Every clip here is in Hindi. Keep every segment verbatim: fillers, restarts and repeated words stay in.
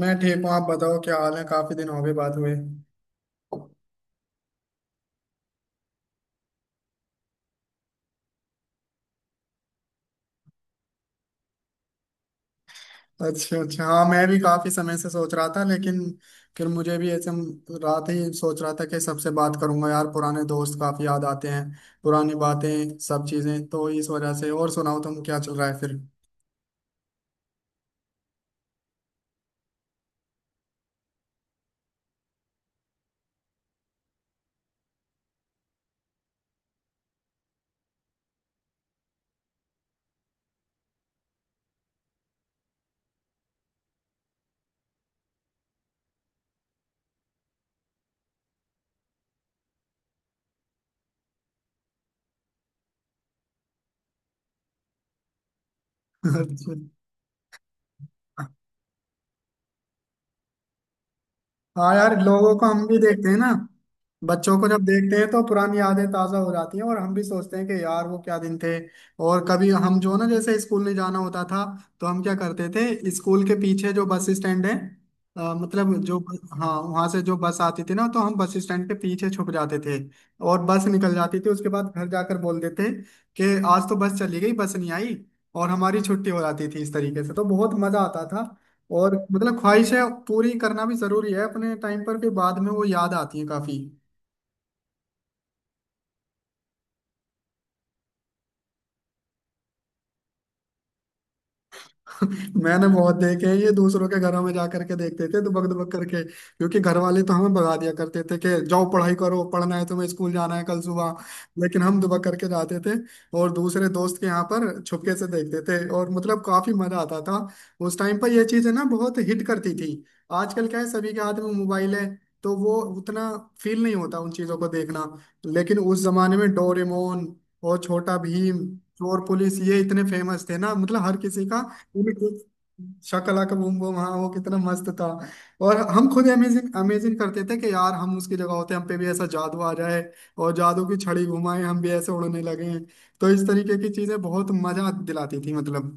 मैं ठीक हूँ। आप बताओ, क्या हाल है? काफी दिन हो गए बात हुए। अच्छा अच्छा, हाँ मैं भी काफी समय से सोच रहा था, लेकिन फिर मुझे भी ऐसे म- रात ही सोच रहा था कि सबसे बात करूंगा। यार, पुराने दोस्त काफी याद आते हैं, पुरानी बातें, सब चीजें, तो इस वजह से। और सुनाओ, तुम क्या चल रहा है फिर? अच्छा। हाँ यार, लोगों को हम भी देखते हैं ना, बच्चों को जब देखते हैं तो पुरानी यादें ताजा हो जाती हैं। और हम भी सोचते हैं कि यार, वो क्या दिन थे। और कभी हम जो, ना जैसे स्कूल नहीं जाना होता था, तो हम क्या करते थे, स्कूल के पीछे जो बस स्टैंड है, अ, मतलब जो बस- हाँ, वहां से जो बस आती थी ना, तो हम बस स्टैंड के पीछे छुप जाते थे और बस निकल जाती थी। उसके बाद घर जाकर बोल देते कि आज तो बस चली गई, बस नहीं आई। और हमारी छुट्टी हो जाती थी इस तरीके से, तो बहुत मजा आता था। और मतलब ख्वाहिशें पूरी करना भी जरूरी है अपने टाइम पर, फिर बाद में वो याद आती है काफी। मैंने बहुत देखे हैं ये, दूसरों के घरों में जा करके देखते थे, दुबक दुबक करके, क्योंकि घर वाले तो हमें भगा दिया करते थे कि जाओ पढ़ाई करो, पढ़ना है तुम्हें, स्कूल जाना है कल सुबह। लेकिन हम दुबक करके जाते थे और दूसरे दोस्त के यहाँ पर छुपके से देखते थे, और मतलब काफी मजा आता था उस टाइम पर। ये चीजें ना, बहुत हिट करती थी। आजकल क्या है, सभी के हाथ में मोबाइल है तो वो उतना फील नहीं होता उन चीजों को देखना। लेकिन उस जमाने में डोरेमोन और छोटा भीम, चोर पुलिस, ये इतने फेमस थे ना, मतलब हर किसी का। शकलाका बूम बूम, हाँ, वो कितना मस्त था। और हम खुद अमेजिंग अमेजिंग करते थे कि यार, हम उसकी जगह होते, हम पे भी ऐसा जादू आ जाए और जादू की छड़ी घुमाए हम भी, ऐसे उड़ने लगे। तो इस तरीके की चीजें बहुत मजा दिलाती थी मतलब।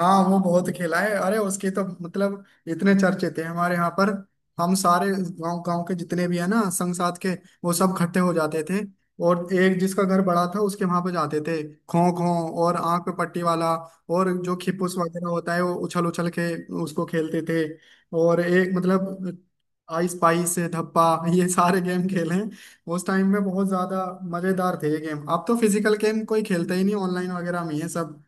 हाँ, वो बहुत खेला है। अरे उसके तो मतलब इतने चर्चे थे हमारे यहाँ पर, हम सारे गांव गांव के जितने भी है ना, संग साथ के, वो सब इकट्ठे हो जाते थे और एक जिसका घर बड़ा था उसके वहां पे जाते थे। खो खो और आंख पे पट्टी वाला, और जो खिपुस वगैरह होता है वो उछल उछल के उसको खेलते थे। और एक मतलब आइस पाइस धप्पा, ये सारे गेम खेले हैं उस टाइम में। बहुत ज्यादा मजेदार थे ये गेम। अब तो फिजिकल गेम कोई खेलता ही नहीं, ऑनलाइन वगैरह में ये सब।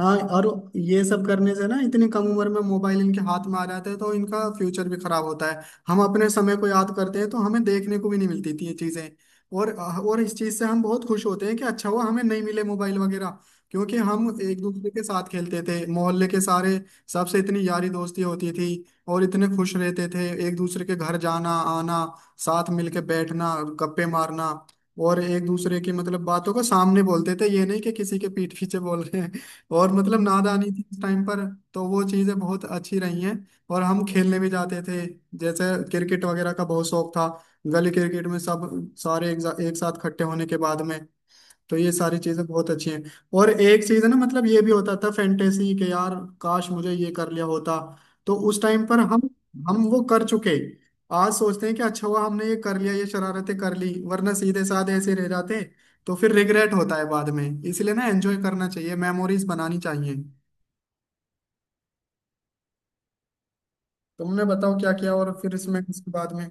हाँ, और ये सब करने से ना, इतनी कम उम्र में मोबाइल इनके हाथ में आ जाता है, तो इनका फ्यूचर भी खराब होता है। हम अपने समय को याद करते हैं तो हमें देखने को भी नहीं मिलती थी ये चीजें, और और इस चीज से हम बहुत खुश होते हैं कि अच्छा हुआ हमें नहीं मिले मोबाइल वगैरह। क्योंकि हम एक दूसरे के साथ खेलते थे, मोहल्ले के सारे, सबसे इतनी यारी दोस्ती होती थी और इतने खुश रहते थे, एक दूसरे के घर जाना आना, साथ मिलके बैठना, गप्पे मारना। और एक दूसरे की मतलब बातों को सामने बोलते थे, ये नहीं कि किसी के पीठ पीछे बोल रहे हैं, और मतलब नादानी थी उस टाइम पर, तो वो चीज़ें बहुत अच्छी रही हैं। और हम खेलने भी जाते थे, जैसे क्रिकेट वगैरह का बहुत शौक था, गली क्रिकेट में सब सारे एक, जा- एक साथ इकट्ठे होने के बाद में, तो ये सारी चीजें बहुत अच्छी हैं। और एक चीज है ना, मतलब ये भी होता था फैंटेसी के यार, काश मुझे ये कर लिया होता। तो उस टाइम पर हम हम वो कर चुके, आज सोचते हैं कि अच्छा हुआ हमने ये कर लिया, ये शरारतें कर ली, वरना सीधे साधे ऐसे रह जाते, तो फिर रिग्रेट होता है बाद में। इसलिए ना, एंजॉय करना चाहिए, मेमोरीज बनानी चाहिए। तुमने बताओ क्या किया, और फिर इसमें उसके बाद में।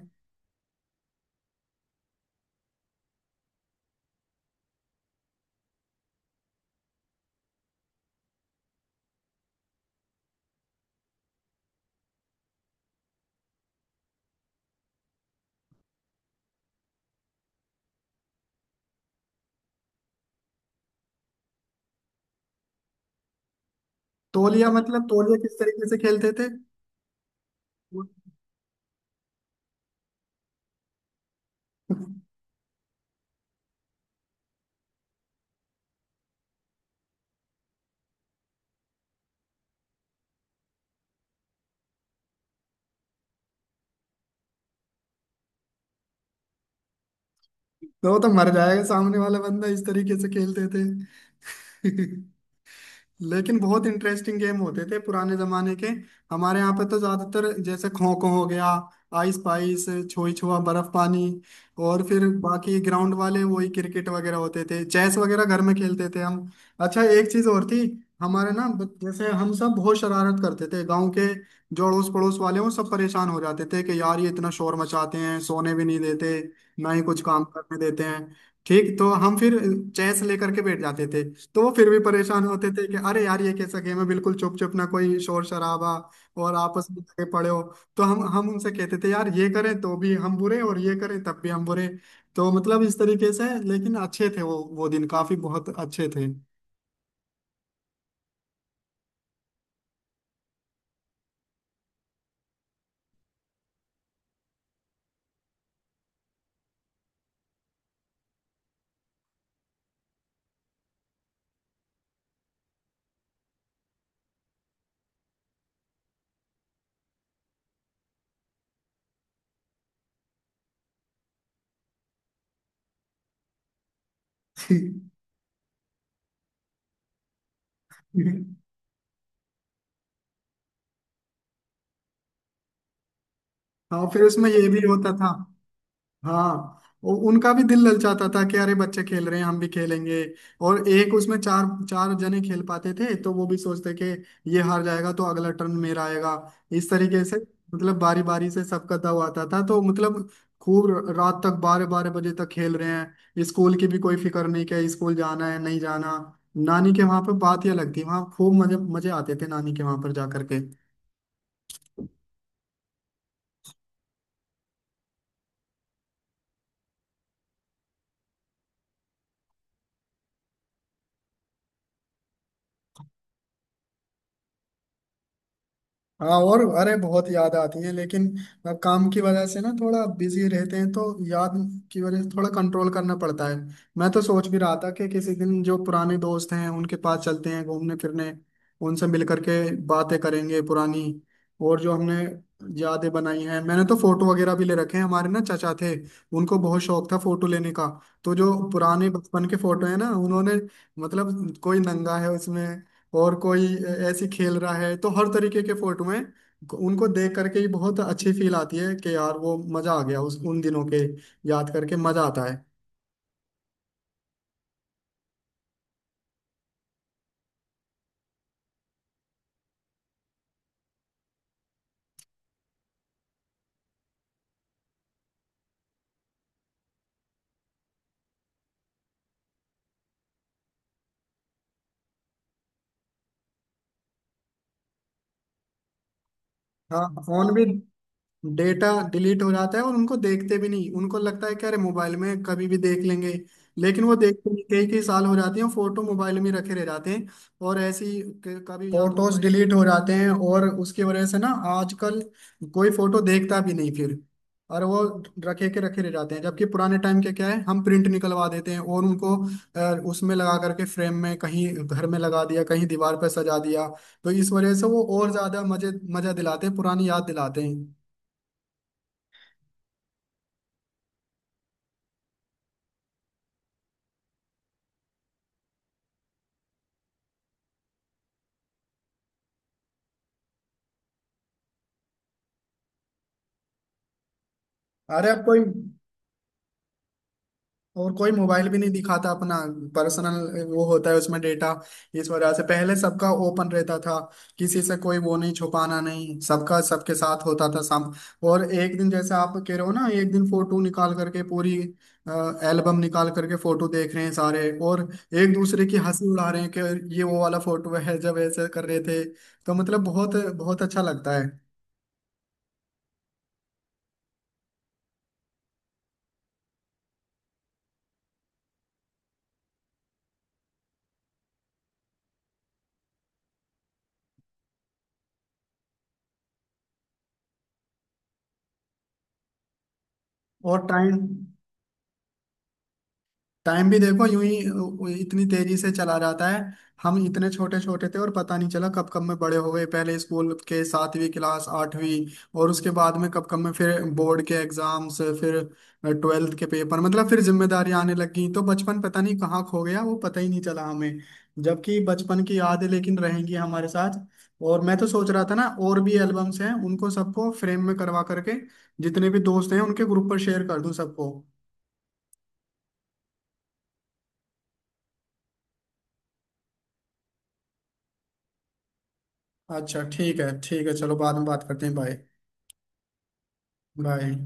तौलिया मतलब, तौलिया किस तरीके से खेलते थे? तो वो तो मर जाएगा सामने वाला बंदा, इस तरीके से खेलते थे। लेकिन बहुत इंटरेस्टिंग गेम होते थे पुराने जमाने के। हमारे यहाँ पे तो ज्यादातर जैसे खो खो हो गया, आइस पाइस, छुई छुआ, बर्फ पानी, और फिर बाकी ग्राउंड वाले वही क्रिकेट वगैरह होते थे। चेस वगैरह घर में खेलते थे हम। अच्छा, एक चीज और थी, हमारे ना ब- जैसे हम सब बहुत शरारत करते थे गांव के, जो अड़ोस पड़ोस वाले हैं, वो सब परेशान हो जाते थे कि यार, ये इतना शोर मचाते हैं, सोने भी नहीं देते ना ही कुछ काम करने देते हैं। ठीक, तो हम फिर चेस लेकर के बैठ जाते थे, तो वो फिर भी परेशान होते थे कि अरे यार, ये कैसा गेम है, बिल्कुल चुप चुप, ना कोई शोर शराबा, और आपस में लगे पड़े हो। तो हम हम उनसे कहते थे, यार ये करें तो भी हम बुरे और ये करें तब भी हम बुरे। तो मतलब इस तरीके से, लेकिन अच्छे थे वो वो दिन काफी बहुत अच्छे थे। हाँ, फिर उसमें ये भी होता था। हाँ, उ- उनका भी दिल ललचाता था कि अरे बच्चे खेल रहे हैं, हम भी खेलेंगे। और एक उसमें चार, चार जने खेल पाते थे, तो वो भी सोचते कि ये हार जाएगा तो अगला टर्न मेरा आएगा, इस तरीके से। मतलब बारी बारी से सबका दाव आता था, तो मतलब खूब र- रात तक बारह बारह बजे तक खेल रहे हैं, स्कूल की भी कोई फिक्र नहीं कि स्कूल जाना है नहीं जाना। नानी के वहां पर बात ही अलग थी, वहां खूब मजे मजे आते थे नानी के वहां पर जाकर। हाँ, और अरे बहुत याद आती है, लेकिन अब काम की वजह से ना, थोड़ा बिजी रहते हैं तो याद की वजह से थोड़ा कंट्रोल करना पड़ता है। मैं तो सोच भी रहा था कि किसी दिन जो पुराने दोस्त हैं उनके पास चलते हैं, घूमने फिरने, उनसे मिल करके बातें करेंगे पुरानी, और जो हमने यादें बनाई हैं। मैंने तो फोटो वगैरह भी ले रखे हैं, हमारे ना चचा थे, उनको बहुत शौक था फोटो लेने का, तो जो पुराने बचपन के फोटो है ना, उन्होंने मतलब, कोई नंगा है उसमें, और कोई ऐसे खेल रहा है, तो हर तरीके के फोटो हैं। उनको देख करके ही बहुत अच्छी फील आती है कि यार वो मजा आ गया, उस उन दिनों के याद करके मजा आता है। हाँ, फोन भी, हाँ, डेटा डिलीट हो जाता है, और उनको देखते भी नहीं, उनको लगता है कि अरे मोबाइल में कभी भी देख लेंगे। लेकिन वो देखते नहीं, कई कई साल हो जाते हैं, फोटो मोबाइल में ही रखे रह जाते हैं। और ऐसी क- कभी या तो फोटोज डिलीट हो जाते हैं, और उसकी वजह से ना, आजकल कोई फोटो देखता भी नहीं फिर, और वो रखे के रखे रह जाते हैं। जबकि पुराने टाइम के क्या है, हम प्रिंट निकलवा देते हैं और उनको अ, उसमें लगा करके फ्रेम में कहीं घर में लगा दिया, कहीं दीवार पर सजा दिया, तो इस वजह से वो और ज्यादा मजे, मजा दिलाते हैं, पुरानी याद दिलाते हैं। अरे अब कोई, और कोई मोबाइल भी नहीं दिखाता अपना, पर्सनल वो होता है उसमें डेटा, इस वजह से। पहले सबका ओपन रहता था, किसी से कोई वो नहीं, छुपाना नहीं, सबका सबके साथ होता था सब। और एक दिन जैसे आप कह रहे हो ना, एक दिन फोटो निकाल करके, पूरी एल्बम निकाल करके फोटो देख रहे हैं सारे, और एक दूसरे की हंसी उड़ा रहे हैं कि ये वो वाला फोटो है जब ऐसे कर रहे थे, तो मतलब बहुत बहुत अच्छा लगता है। और टाइम, टाइम भी देखो यूं ही उ- इतनी तेजी से चला जाता है। हम इतने छोटे छोटे थे और पता नहीं चला कब कब में बड़े हो गए। पहले स्कूल के सातवीं क्लास, आठवीं, और उसके बाद में कब कब में फिर बोर्ड के एग्जाम्स, फिर ट्वेल्थ के पेपर, मतलब फिर जिम्मेदारियां आने लग गई, तो बचपन पता नहीं कहाँ खो गया, वो पता ही नहीं चला हमें। जबकि बचपन की यादें लेकिन रहेंगी हमारे साथ। और मैं तो सोच रहा था ना, और भी एल्बम्स हैं, उनको सबको फ्रेम में करवा करके जितने भी दोस्त हैं उनके ग्रुप पर शेयर कर दूं सबको। अच्छा ठीक है, ठीक है, चलो बाद में बात करते हैं। बाय। बाय।